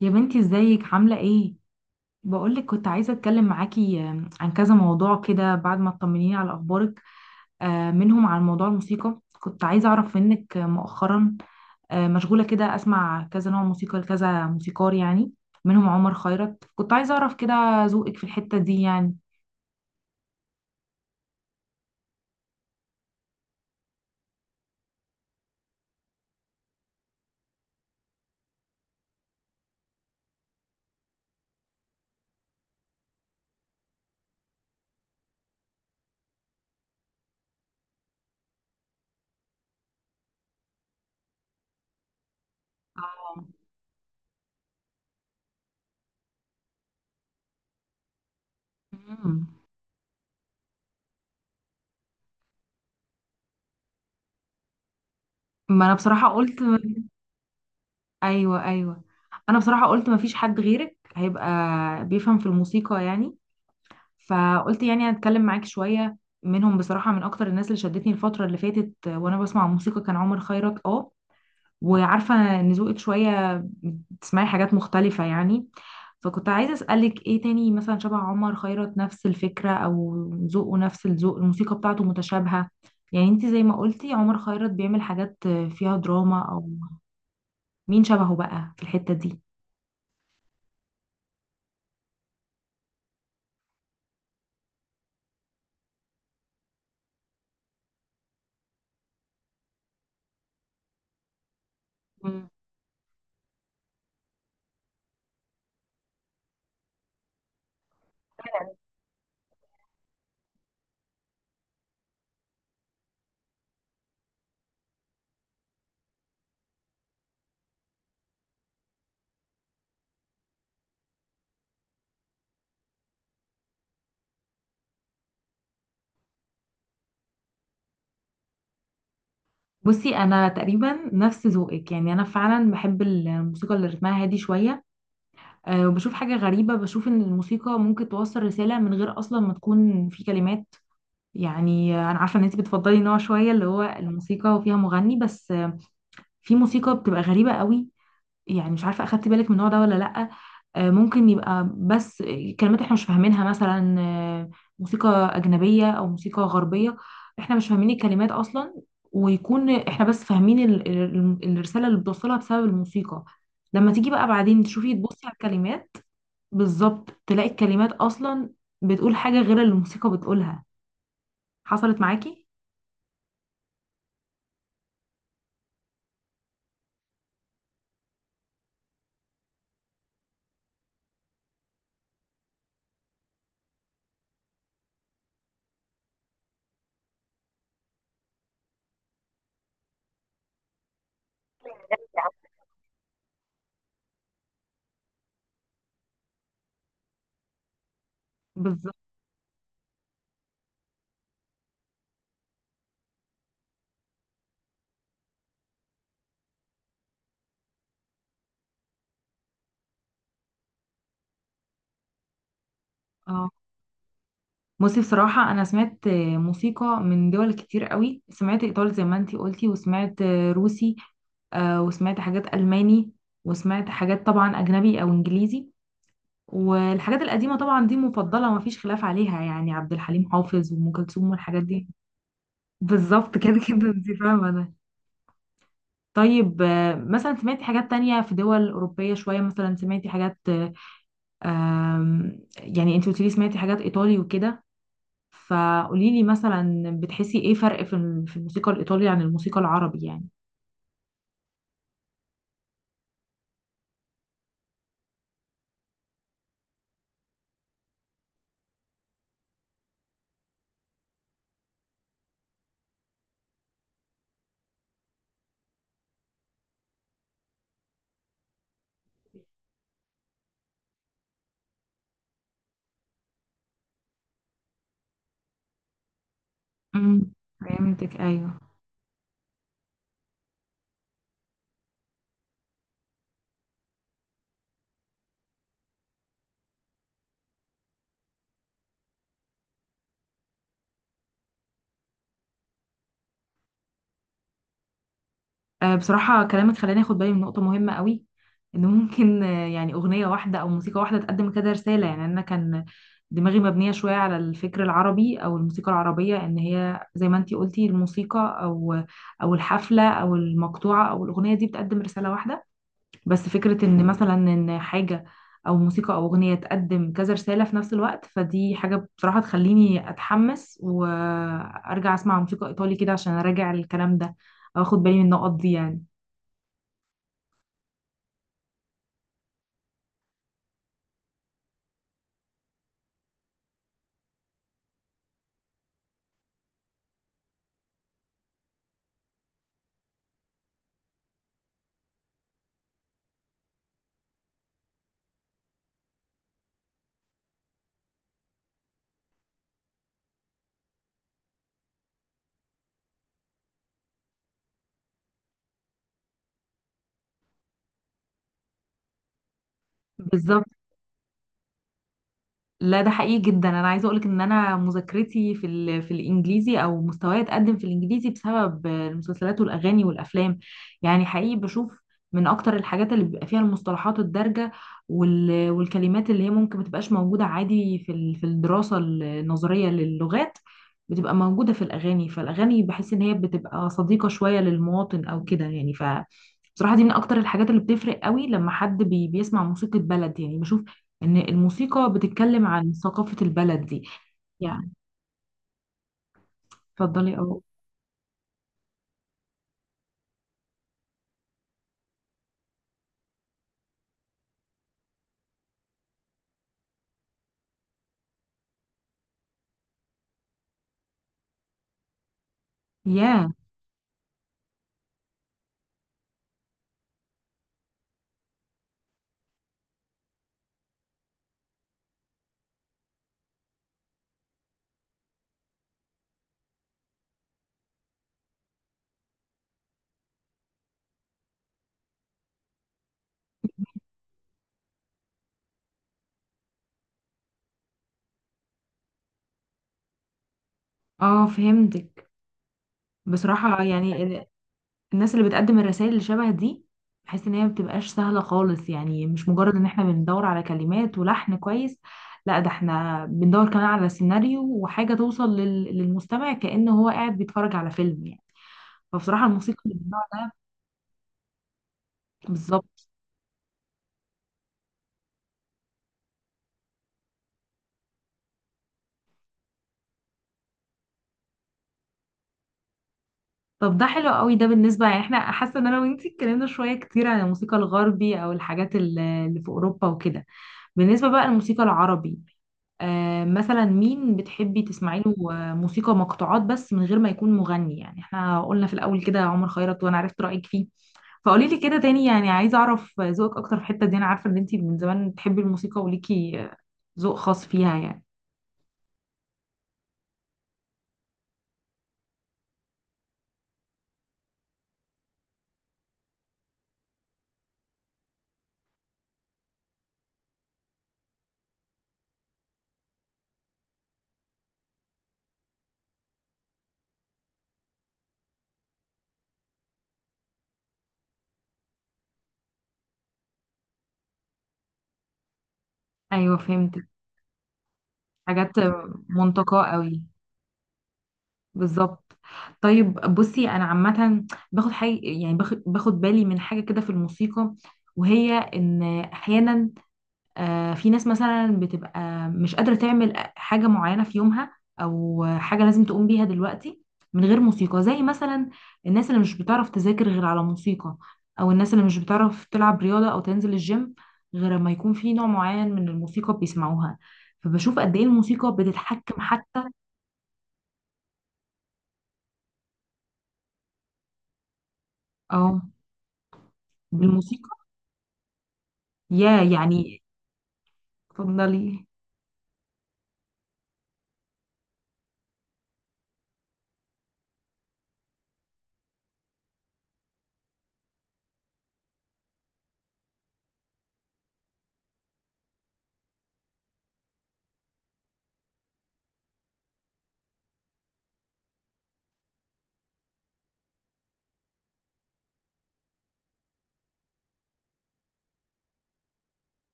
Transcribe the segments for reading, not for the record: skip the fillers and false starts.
يا بنتي، ازيك عاملة ايه؟ بقولك كنت عايزة اتكلم معاكي عن كذا موضوع كده بعد ما تطمنيني على اخبارك. منهم عن موضوع الموسيقى كنت عايزة اعرف منك مؤخرا مشغولة كده، اسمع كذا نوع موسيقى لكذا موسيقار يعني، منهم عمر خيرت. كنت عايزة اعرف كده ذوقك في الحتة دي يعني. مم. ما انا بصراحة قلت. ايوه، ايوه. انا بصراحة قلت ما فيش حد غيرك هيبقى بيفهم في الموسيقى يعني. فقلت يعني هتكلم معاك شوية. منهم بصراحة من أكتر الناس اللي شدتني الفترة اللي فاتت وأنا بسمع موسيقى كان عمر خيرت. اه وعارفة إن ذوقك شوية بتسمعي حاجات مختلفة يعني. فكنت عايزة أسألك إيه تاني مثلا شبه عمر خيرت، نفس الفكرة أو ذوقه، نفس الذوق. الموسيقى بتاعته متشابهة. يعني انت زي ما قلتي عمر خيرت بيعمل حاجات فيها دراما، أو مين شبهه بقى في الحتة دي. مم. بصي، انا تقريبا نفس ذوقك يعني. انا فعلا بحب الموسيقى اللي رتمها هادي شويه. وبشوف حاجة غريبة، بشوف إن الموسيقى ممكن توصل رسالة من غير أصلا ما تكون في كلمات. يعني أنا عارفة إن أنت بتفضلي نوع شوية اللي هو الموسيقى وفيها مغني بس. في موسيقى بتبقى غريبة قوي. يعني مش عارفة أخدت بالك من النوع ده ولا لأ. ممكن يبقى بس كلمات إحنا مش فاهمينها، مثلا موسيقى أجنبية أو موسيقى غربية. إحنا مش فاهمين الكلمات أصلا، ويكون إحنا بس فاهمين الرسالة اللي بتوصلها بسبب الموسيقى. لما تيجي بقى بعدين تشوفي، تبصي على الكلمات بالظبط، تلاقي الكلمات اصلا بتقول حاجه غير اللي الموسيقى بتقولها. حصلت معاكي. بالظبط. اه. بصي، بصراحه انا سمعت موسيقى من دول كتير قوي. سمعت ايطالي زي ما انتي قلتي، وسمعت روسي، وسمعت حاجات الماني، وسمعت حاجات طبعا اجنبي او انجليزي. والحاجات القديمه طبعا دي مفضله، مفيش خلاف عليها. يعني عبد الحليم حافظ وام كلثوم والحاجات دي. بالظبط كده كده انتي فاهمه. طيب مثلا سمعتي حاجات تانية في دول أوروبية شوية؟ مثلا سمعتي حاجات يعني انت قلتيلي سمعتي حاجات إيطالي وكده. فقوليلي مثلا بتحسي ايه فرق في في الموسيقى الإيطالي عن الموسيقى العربي يعني. امم فهمتك، أيوه. بصراحة كلامك خلاني اخد بالي من نقطة مهمة قوي. ان ممكن يعني اغنية واحدة او موسيقى واحدة تقدم كده رسالة. يعني انا كان دماغي مبنية شوية على الفكر العربي او الموسيقى العربية، ان هي زي ما انتي قلتي، الموسيقى او الحفلة او المقطوعة او الاغنية دي بتقدم رسالة واحدة. بس فكرة ان مثلا ان حاجة او موسيقى او اغنية تقدم كذا رسالة في نفس الوقت، فدي حاجة بصراحة تخليني اتحمس وارجع اسمع موسيقى ايطالي كده عشان اراجع الكلام ده، او اخد بالي من النقط دي يعني. بالظبط. لا، ده حقيقي جدا. انا عايزه اقولك ان انا مذاكرتي في في الانجليزي، او مستواي اتقدم في الانجليزي بسبب المسلسلات والاغاني والافلام. يعني حقيقي بشوف من اكتر الحاجات اللي بيبقى فيها المصطلحات الدارجه والكلمات اللي هي ممكن ما تبقاش موجوده عادي في في الدراسه النظريه للغات، بتبقى موجوده في الاغاني. فالاغاني بحس ان هي بتبقى صديقه شويه للمواطن او كده يعني. بصراحة دي من أكتر الحاجات اللي بتفرق قوي لما حد بيسمع موسيقى بلد، يعني بشوف ان الموسيقى بتتكلم عن ثقافة البلد دي. يعني، اتفضلي، اه. ياه. اه، فهمتك. بصراحة يعني الناس اللي بتقدم الرسائل اللي شبه دي، بحس ان هي ما بتبقاش سهلة خالص. يعني مش مجرد ان احنا بندور على كلمات ولحن كويس. لا، ده احنا بندور كمان على سيناريو وحاجة توصل للمستمع كأنه هو قاعد بيتفرج على فيلم يعني. فبصراحة الموسيقى اللي بالنوع ده. بالظبط. طب ده حلو قوي، ده بالنسبة يعني احنا حاسة ان انا وانتي اتكلمنا شوية كتير عن الموسيقى الغربي او الحاجات اللي في اوروبا وكده. بالنسبة بقى للموسيقى العربي، آه مثلا مين بتحبي تسمعي له؟ موسيقى مقطوعات بس من غير ما يكون مغني. يعني احنا قلنا في الاول كده عمر خيرت، وانا عرفت رأيك فيه. فقولي لي كده تاني، يعني عايزة اعرف ذوقك اكتر في الحتة دي. انا عارفة ان انتي من زمان بتحبي الموسيقى وليكي ذوق خاص فيها يعني. ايوه، فهمت. حاجات منتقاه قوي. بالظبط. طيب بصي، انا عامه باخد حاجه، يعني باخد بالي من حاجه كده في الموسيقى، وهي ان احيانا في ناس مثلا بتبقى مش قادره تعمل حاجه معينه في يومها، او حاجه لازم تقوم بيها دلوقتي من غير موسيقى. زي مثلا الناس اللي مش بتعرف تذاكر غير على موسيقى، او الناس اللي مش بتعرف تلعب رياضه او تنزل الجيم غير ما يكون في نوع معين من الموسيقى بيسمعوها. فبشوف قد ايه الموسيقى بتتحكم حتى. اه، بالموسيقى. يا يعني، اتفضلي.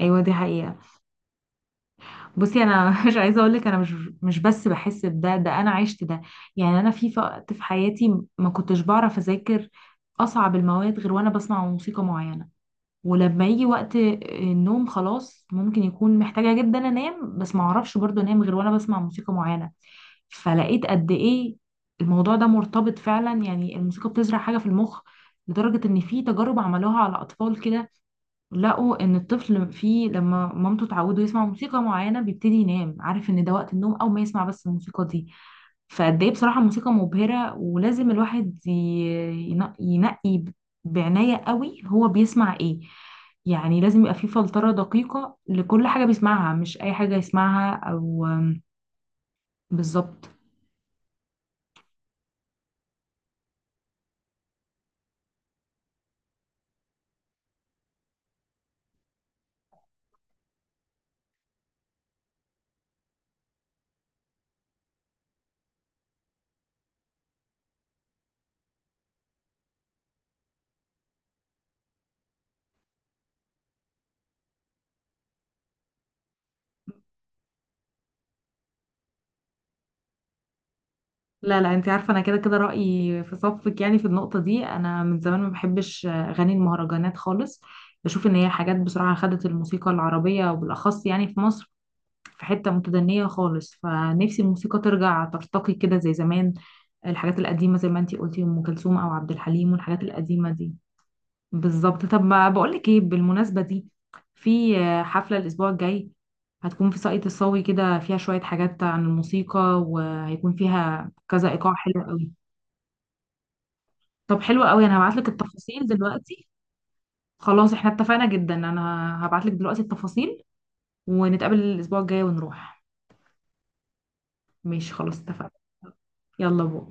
ايوه، دي حقيقة. بصي انا مش عايزة اقول لك، انا مش بس بحس بده، ده انا عشت ده. يعني انا في وقت في حياتي ما كنتش بعرف اذاكر اصعب المواد غير وانا بسمع موسيقى معينة. ولما يجي وقت النوم، خلاص ممكن يكون محتاجة جدا انام بس ما اعرفش برضو انام غير وانا بسمع موسيقى معينة. فلقيت قد ايه الموضوع ده مرتبط فعلا. يعني الموسيقى بتزرع حاجة في المخ لدرجة ان في تجارب عملوها على اطفال كده، لقوا ان الطفل فيه لما مامته تعوده يسمع موسيقى معينه بيبتدي ينام عارف ان ده وقت النوم، او ما يسمع بس الموسيقى دي. فقد ايه بصراحه موسيقى مبهره. ولازم الواحد ينقي بعنايه قوي هو بيسمع ايه. يعني لازم يبقى فيه فلتره دقيقه لكل حاجه بيسمعها، مش اي حاجه يسمعها بالظبط. لا لا، انت عارفه انا كده كده رايي في صفك، يعني في النقطه دي. انا من زمان ما بحبش اغاني المهرجانات خالص. بشوف ان هي حاجات بصراحه خدت الموسيقى العربيه وبالاخص يعني في مصر في حته متدنيه خالص. فنفسي الموسيقى ترجع ترتقي كده زي زمان، الحاجات القديمه زي ما انت قلتي ام كلثوم او عبد الحليم والحاجات القديمه دي. بالظبط. طب ما بقولك ايه بالمناسبة دي؟ في حفلة الأسبوع الجاي هتكون في ساقية الصاوي كده، فيها شوية حاجات عن الموسيقى وهيكون فيها كذا إيقاع حلو قوي. طب حلو قوي، أنا هبعتلك التفاصيل دلوقتي. خلاص احنا اتفقنا جدا، أنا هبعتلك دلوقتي التفاصيل ونتقابل الأسبوع الجاي ونروح. ماشي، خلاص اتفقنا. يلا بو.